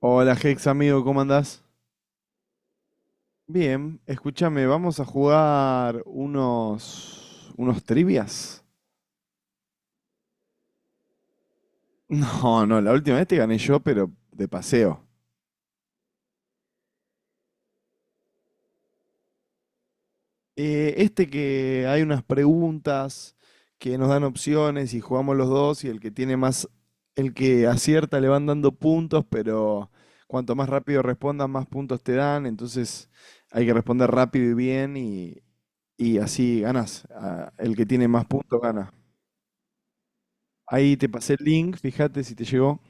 Hola Hex, amigo, ¿cómo andás? Bien, escúchame, vamos a jugar unos trivias. No, no, la última vez te gané yo, pero de paseo. Este que hay unas preguntas que nos dan opciones y jugamos los dos y el que tiene más, el que acierta le van dando puntos, pero cuanto más rápido respondas, más puntos te dan, entonces hay que responder rápido y bien y así ganas. El que tiene más puntos gana. Ahí te pasé el link, fíjate si te llegó.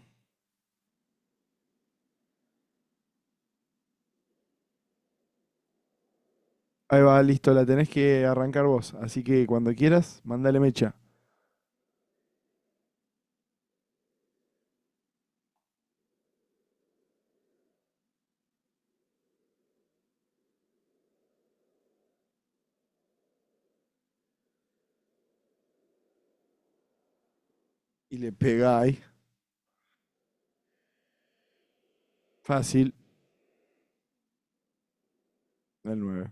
Ahí va, listo, la tenés que arrancar vos. Así que cuando quieras, mandale mecha. Y le pegáis. Fácil, el nueve.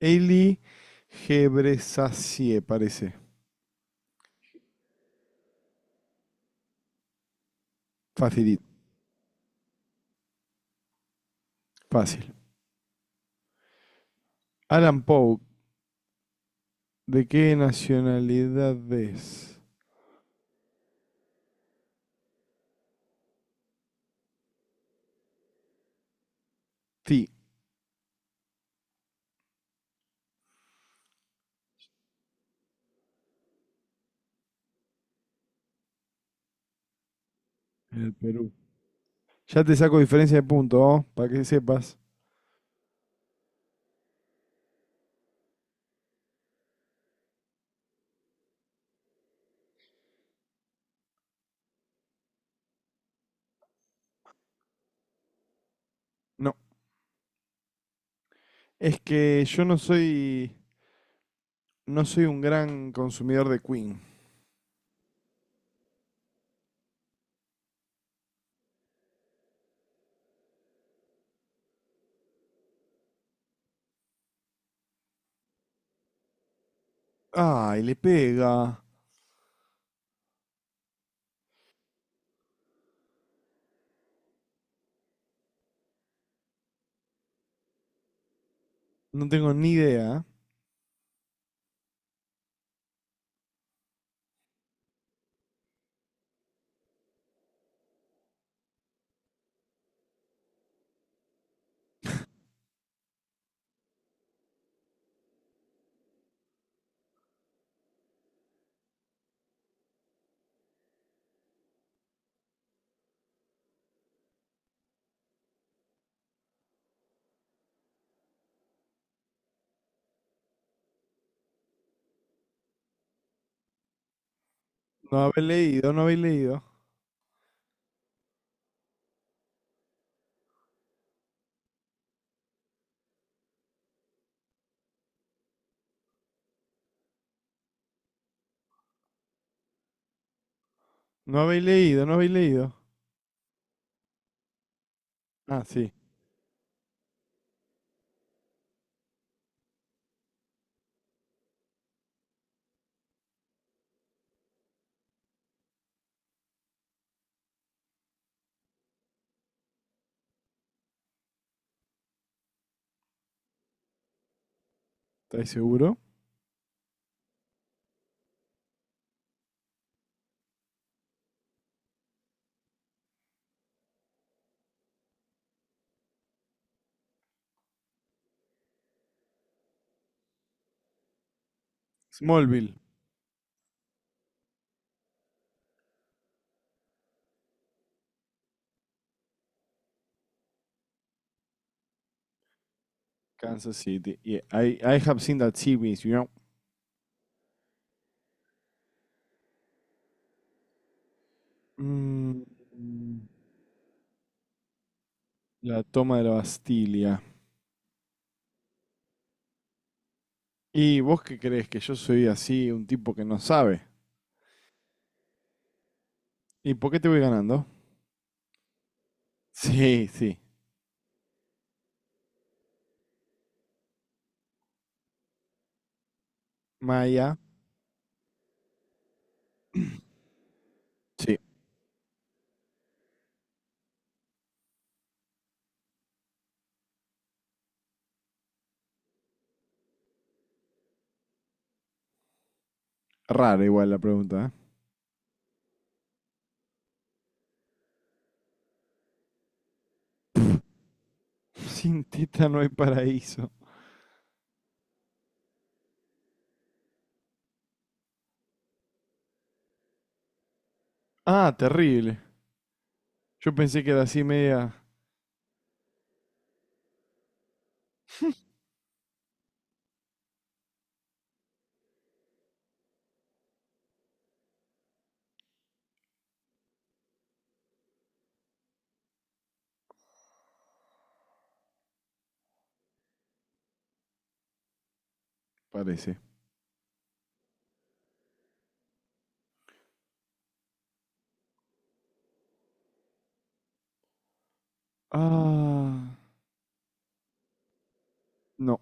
Eli Gebresasie, parece. Facilit, fácil. Alan Poe, ¿de qué nacionalidad es? Sí, el Perú. Ya te saco diferencia de punto, ¿oh? Para que sepas. No, es que yo no soy, no soy un gran consumidor de Queen. Ay, le pega. No tengo ni idea. No habéis leído, no habéis leído. No habéis leído, no habéis leído. Ah, sí, ¿estáis seguro? Smallville, Kansas City. Yeah, I have seen that series. Mm, la toma de la Bastilla. ¿Y vos qué crees? ¿Que yo soy así, un tipo que no sabe? ¿Y por qué te voy ganando? Sí, sí. Maya. Sí. Rara igual la pregunta, ¿eh? Sin tita no hay paraíso. Ah, terrible. Yo pensé que era así media. Parece. Ah. No,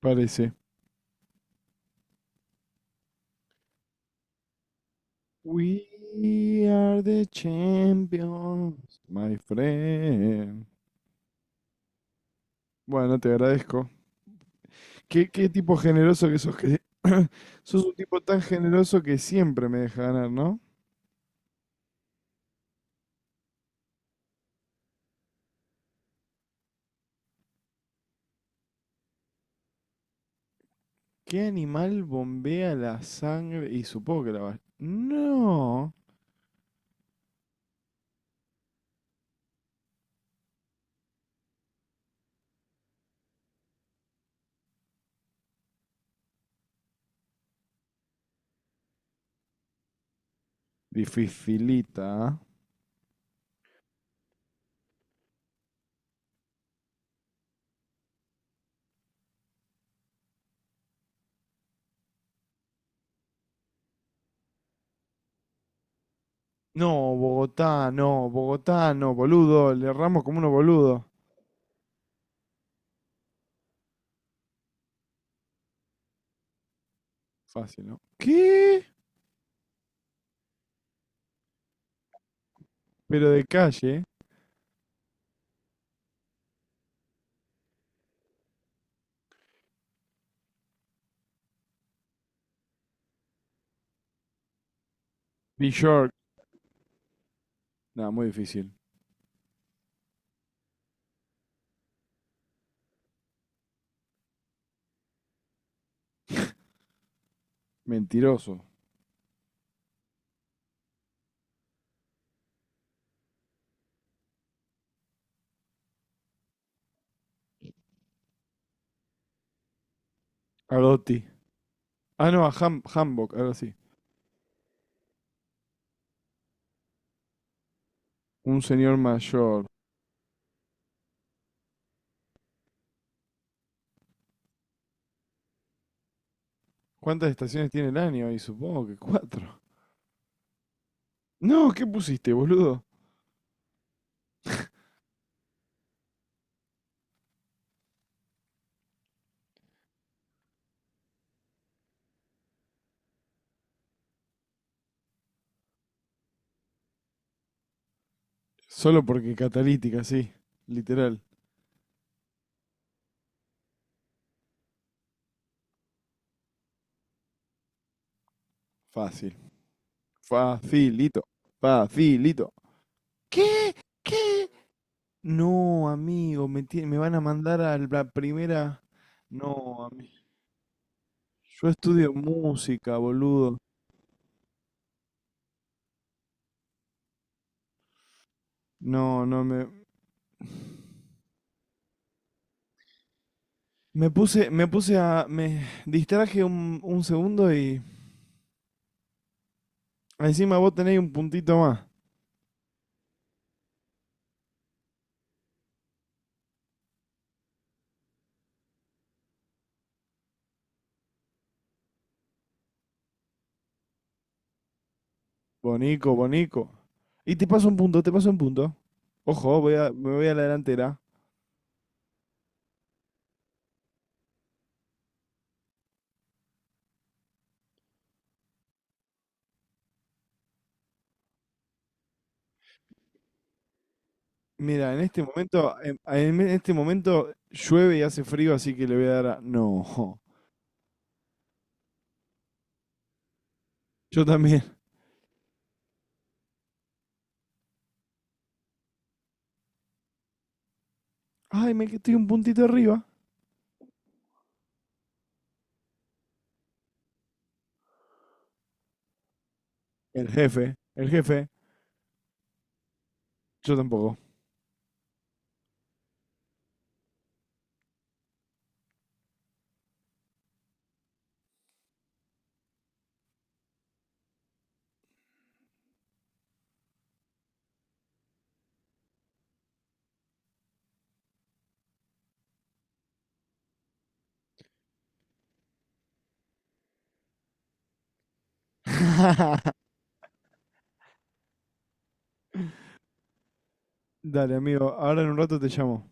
parece. We are the champions, my friend. Bueno, te agradezco. Qué tipo generoso que sos, que sos un tipo tan generoso que siempre me deja ganar, ¿no? ¿Qué animal bombea la sangre? Y supongo que la va. No. Dificilita, ¿ah? No, Bogotá, no, Bogotá, no, boludo. Le erramos como unos boludos. Fácil, ¿no? ¿Qué? Pero de calle. New York. No, muy difícil. Mentiroso. A Dotti. Ah, no, a Hamburg, algo sí. Un señor mayor. ¿Cuántas estaciones tiene el año? Y supongo que cuatro. No, ¿qué pusiste, boludo? Solo porque catalítica, sí. Literal. Fácil. Facilito. Facilito. ¿Qué? ¿Qué? No, amigo, me van a mandar a la primera. No, amigo. Yo estudio música, boludo. No, no me. Me distraje un segundo y encima vos tenés un puntito más. Bonico, bonico. Y te paso un punto, te paso un punto. Ojo, me voy a la delantera. Mira, en este momento llueve y hace frío, así que le voy a dar a. No, yo también. Ay, estoy un puntito arriba. El jefe, yo tampoco. Dale, amigo, ahora en un rato te llamo.